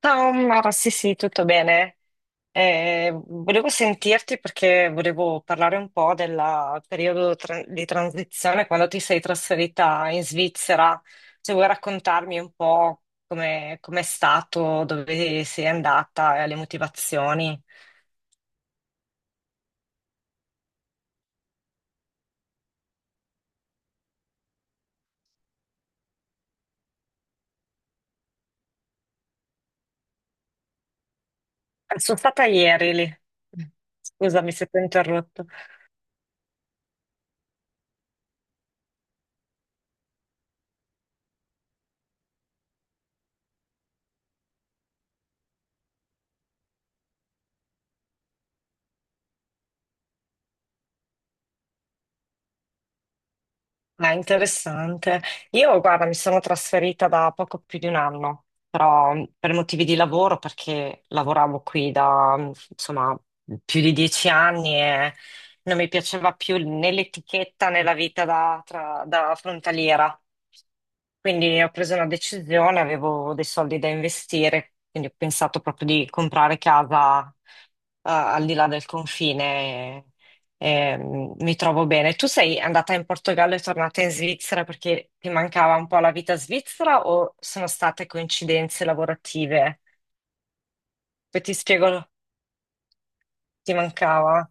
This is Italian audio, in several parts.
Ciao Mara, sì sì, tutto bene. Volevo sentirti perché volevo parlare un po' del periodo di transizione quando ti sei trasferita in Svizzera. Se vuoi raccontarmi un po' come com'è stato, dove sei andata e le motivazioni. Sono stata ieri lì. Scusami se ti ho interrotto. Ah, interessante. Io, guarda, mi sono trasferita da poco più di un anno, però per motivi di lavoro, perché lavoravo qui da, insomma, più di 10 anni e non mi piaceva più né l'etichetta né la vita da, da frontaliera. Quindi ho preso una decisione, avevo dei soldi da investire, quindi ho pensato proprio di comprare casa, al di là del confine. E, mi trovo bene. Tu sei andata in Portogallo e tornata in Svizzera perché ti mancava un po' la vita svizzera o sono state coincidenze lavorative? Poi ti spiego, ti mancava.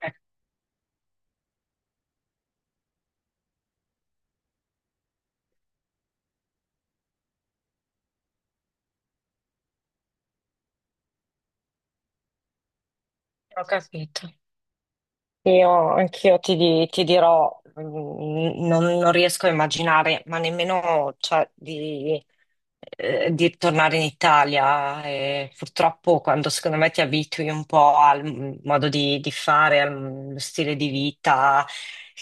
Ecco, ho capito. Anch'io ti dirò, non riesco a immaginare, ma nemmeno cioè, di tornare in Italia. E purtroppo quando secondo me ti abitui un po' al modo di fare, al stile di vita,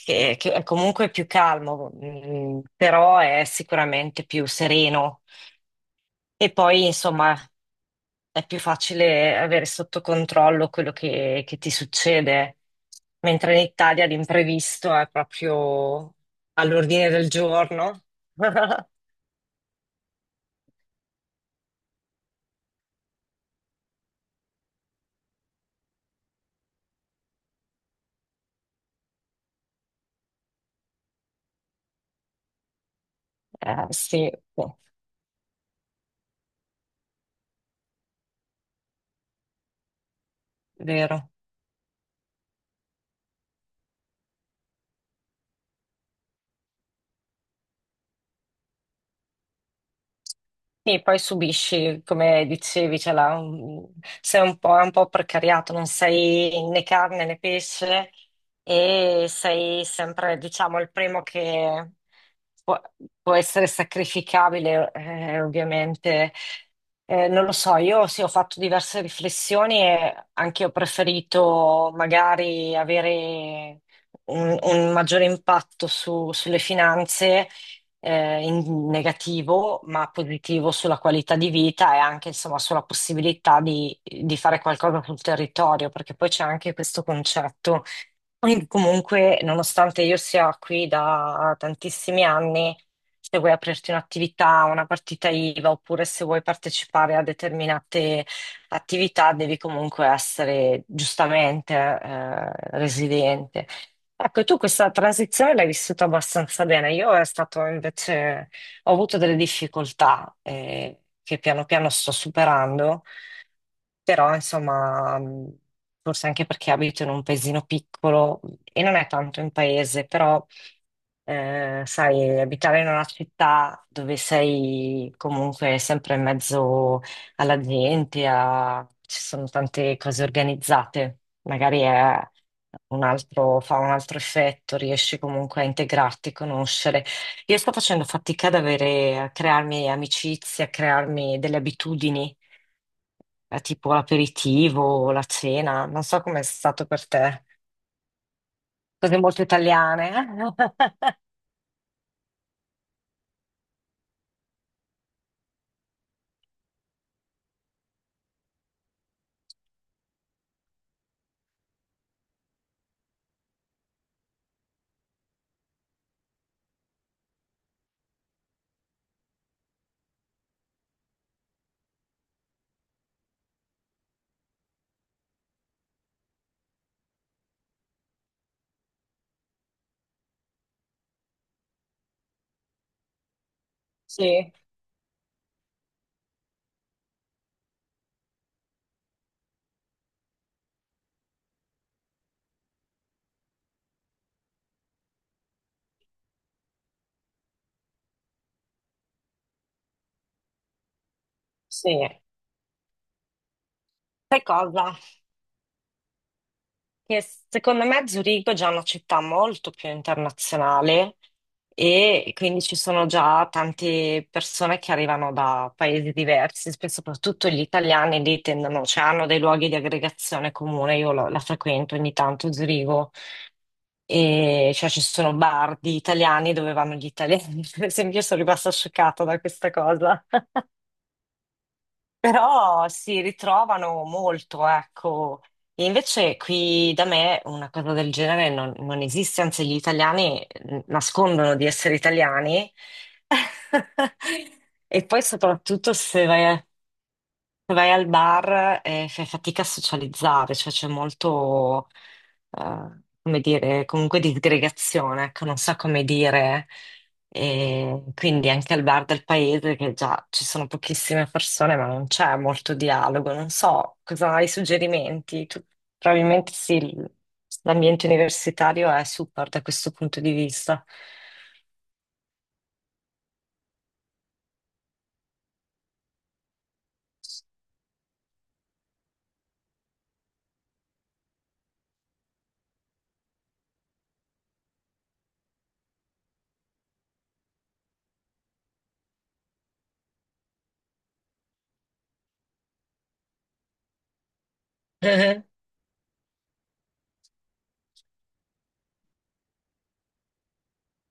che è comunque più calmo, però è sicuramente più sereno. E poi, insomma, è più facile avere sotto controllo quello che ti succede, mentre in Italia l'imprevisto è proprio all'ordine del giorno. Sì, è vero. Sì, poi subisci, come dicevi, sei un po', è un po' precariato, non sei né carne né pesce e sei sempre, diciamo, il primo che può, può essere sacrificabile, ovviamente. Non lo so, io sì, ho fatto diverse riflessioni e anche io ho preferito magari avere un maggiore impatto sulle finanze in negativo, ma positivo sulla qualità di vita e anche insomma sulla possibilità di fare qualcosa sul territorio, perché poi c'è anche questo concetto. Quindi comunque, nonostante io sia qui da tantissimi anni, se vuoi aprirti un'attività, una partita IVA, oppure se vuoi partecipare a determinate attività, devi comunque essere giustamente residente. Ecco, tu questa transizione l'hai vissuta abbastanza bene. Io è stato invece, ho avuto delle difficoltà che piano piano sto superando, però insomma, forse anche perché abito in un paesino piccolo e non è tanto in paese, però sai, abitare in una città dove sei comunque sempre in mezzo alla gente, ci sono tante cose organizzate, magari è fa un altro effetto, riesci comunque a integrarti, conoscere. Io sto facendo fatica ad avere, a crearmi amicizie, a crearmi delle abitudini tipo l'aperitivo o la cena, non so com'è stato per te. Cose molto italiane. Eh? Sì, sì. Sai cosa? Che secondo me Zurigo è già una città molto più internazionale e quindi ci sono già tante persone che arrivano da paesi diversi, soprattutto gli italiani lì tendono, cioè hanno dei luoghi di aggregazione comune. Io la frequento ogni tanto Zurigo. E cioè ci sono bar di italiani dove vanno gli italiani, per esempio, io sono rimasta scioccata da questa cosa. Però si ritrovano molto, ecco. E invece qui da me una cosa del genere non esiste, anzi gli italiani nascondono di essere italiani. E poi soprattutto se vai a, vai al bar e fai fatica a socializzare, cioè c'è molto, eh, come dire, comunque di aggregazione, ecco, non so come dire. E quindi anche al bar del paese, che già ci sono pochissime persone, ma non c'è molto dialogo. Non so cosa hai suggerimenti. Tu, probabilmente sì, l'ambiente universitario è super da questo punto di vista. Mhm.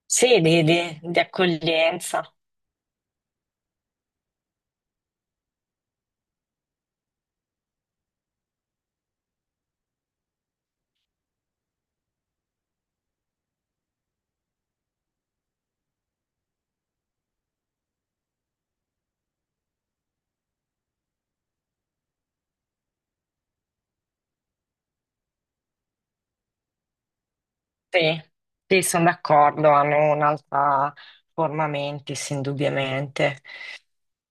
Sì, di di accoglienza. Sì, sì, sono d'accordo, hanno un'altra forma mentis, indubbiamente.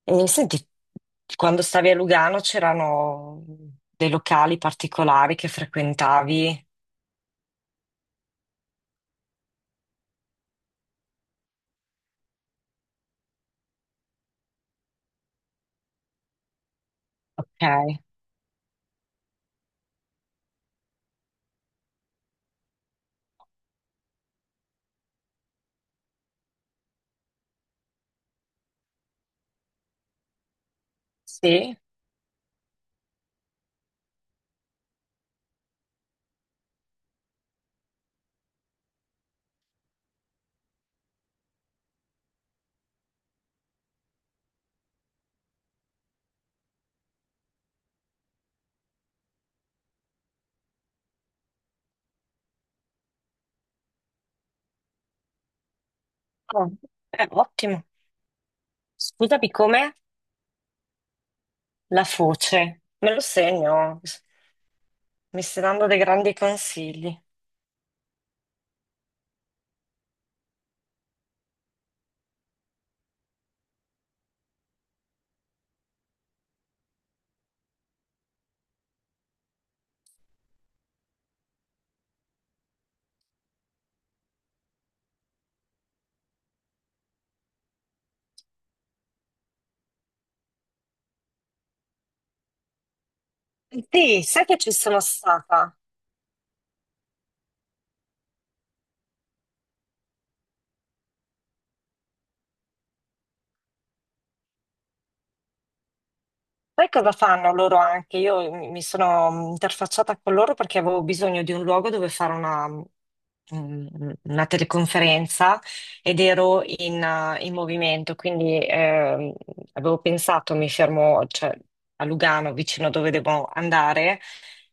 E senti, quando stavi a Lugano c'erano dei locali particolari che frequentavi? Ok, sì, oh, ottimo. Scusami, com'è la Foce? Me lo segno, mi stai dando dei grandi consigli. Sì, sai che ci sono stata? Poi cosa fanno loro anche? Io mi sono interfacciata con loro perché avevo bisogno di un luogo dove fare una, mm, una teleconferenza ed ero in, in movimento, quindi avevo pensato, mi fermo, cioè, a Lugano, vicino dove devo andare,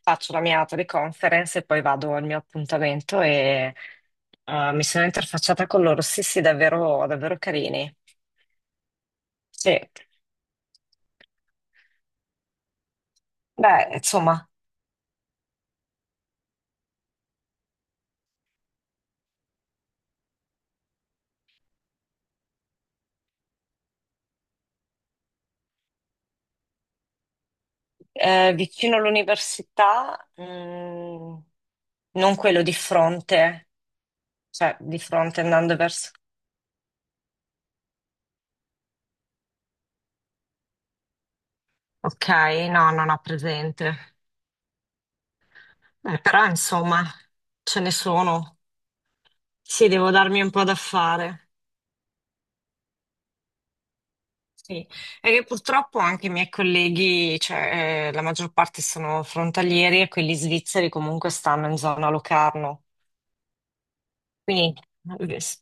faccio la mia teleconferenza e poi vado al mio appuntamento e mi sono interfacciata con loro. Sì, sì, davvero, davvero carini. Sì. Beh, insomma. Eh, vicino all'università, non quello di fronte, cioè di fronte andando verso... Ok, no, non ho presente. Beh, però insomma, ce ne sono. Sì, devo darmi un po' da fare. Sì. E che purtroppo anche i miei colleghi, cioè la maggior parte sono frontalieri e quelli svizzeri comunque stanno in zona Locarno. Quindi eh, s-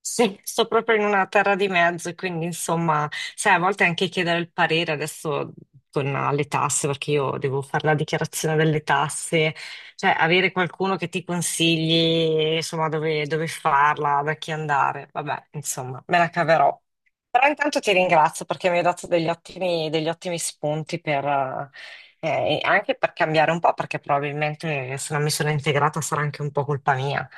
sì, sto proprio in una terra di mezzo, quindi insomma, sai, a volte anche chiedere il parere adesso con le tasse, perché io devo fare la dichiarazione delle tasse, cioè avere qualcuno che ti consigli, insomma, dove farla, da chi andare, vabbè, insomma, me la caverò. Però intanto ti ringrazio perché mi hai dato degli ottimi spunti per, anche per cambiare un po', perché probabilmente se non mi sono integrata sarà anche un po' colpa mia.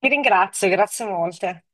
Vi ringrazio, grazie molte.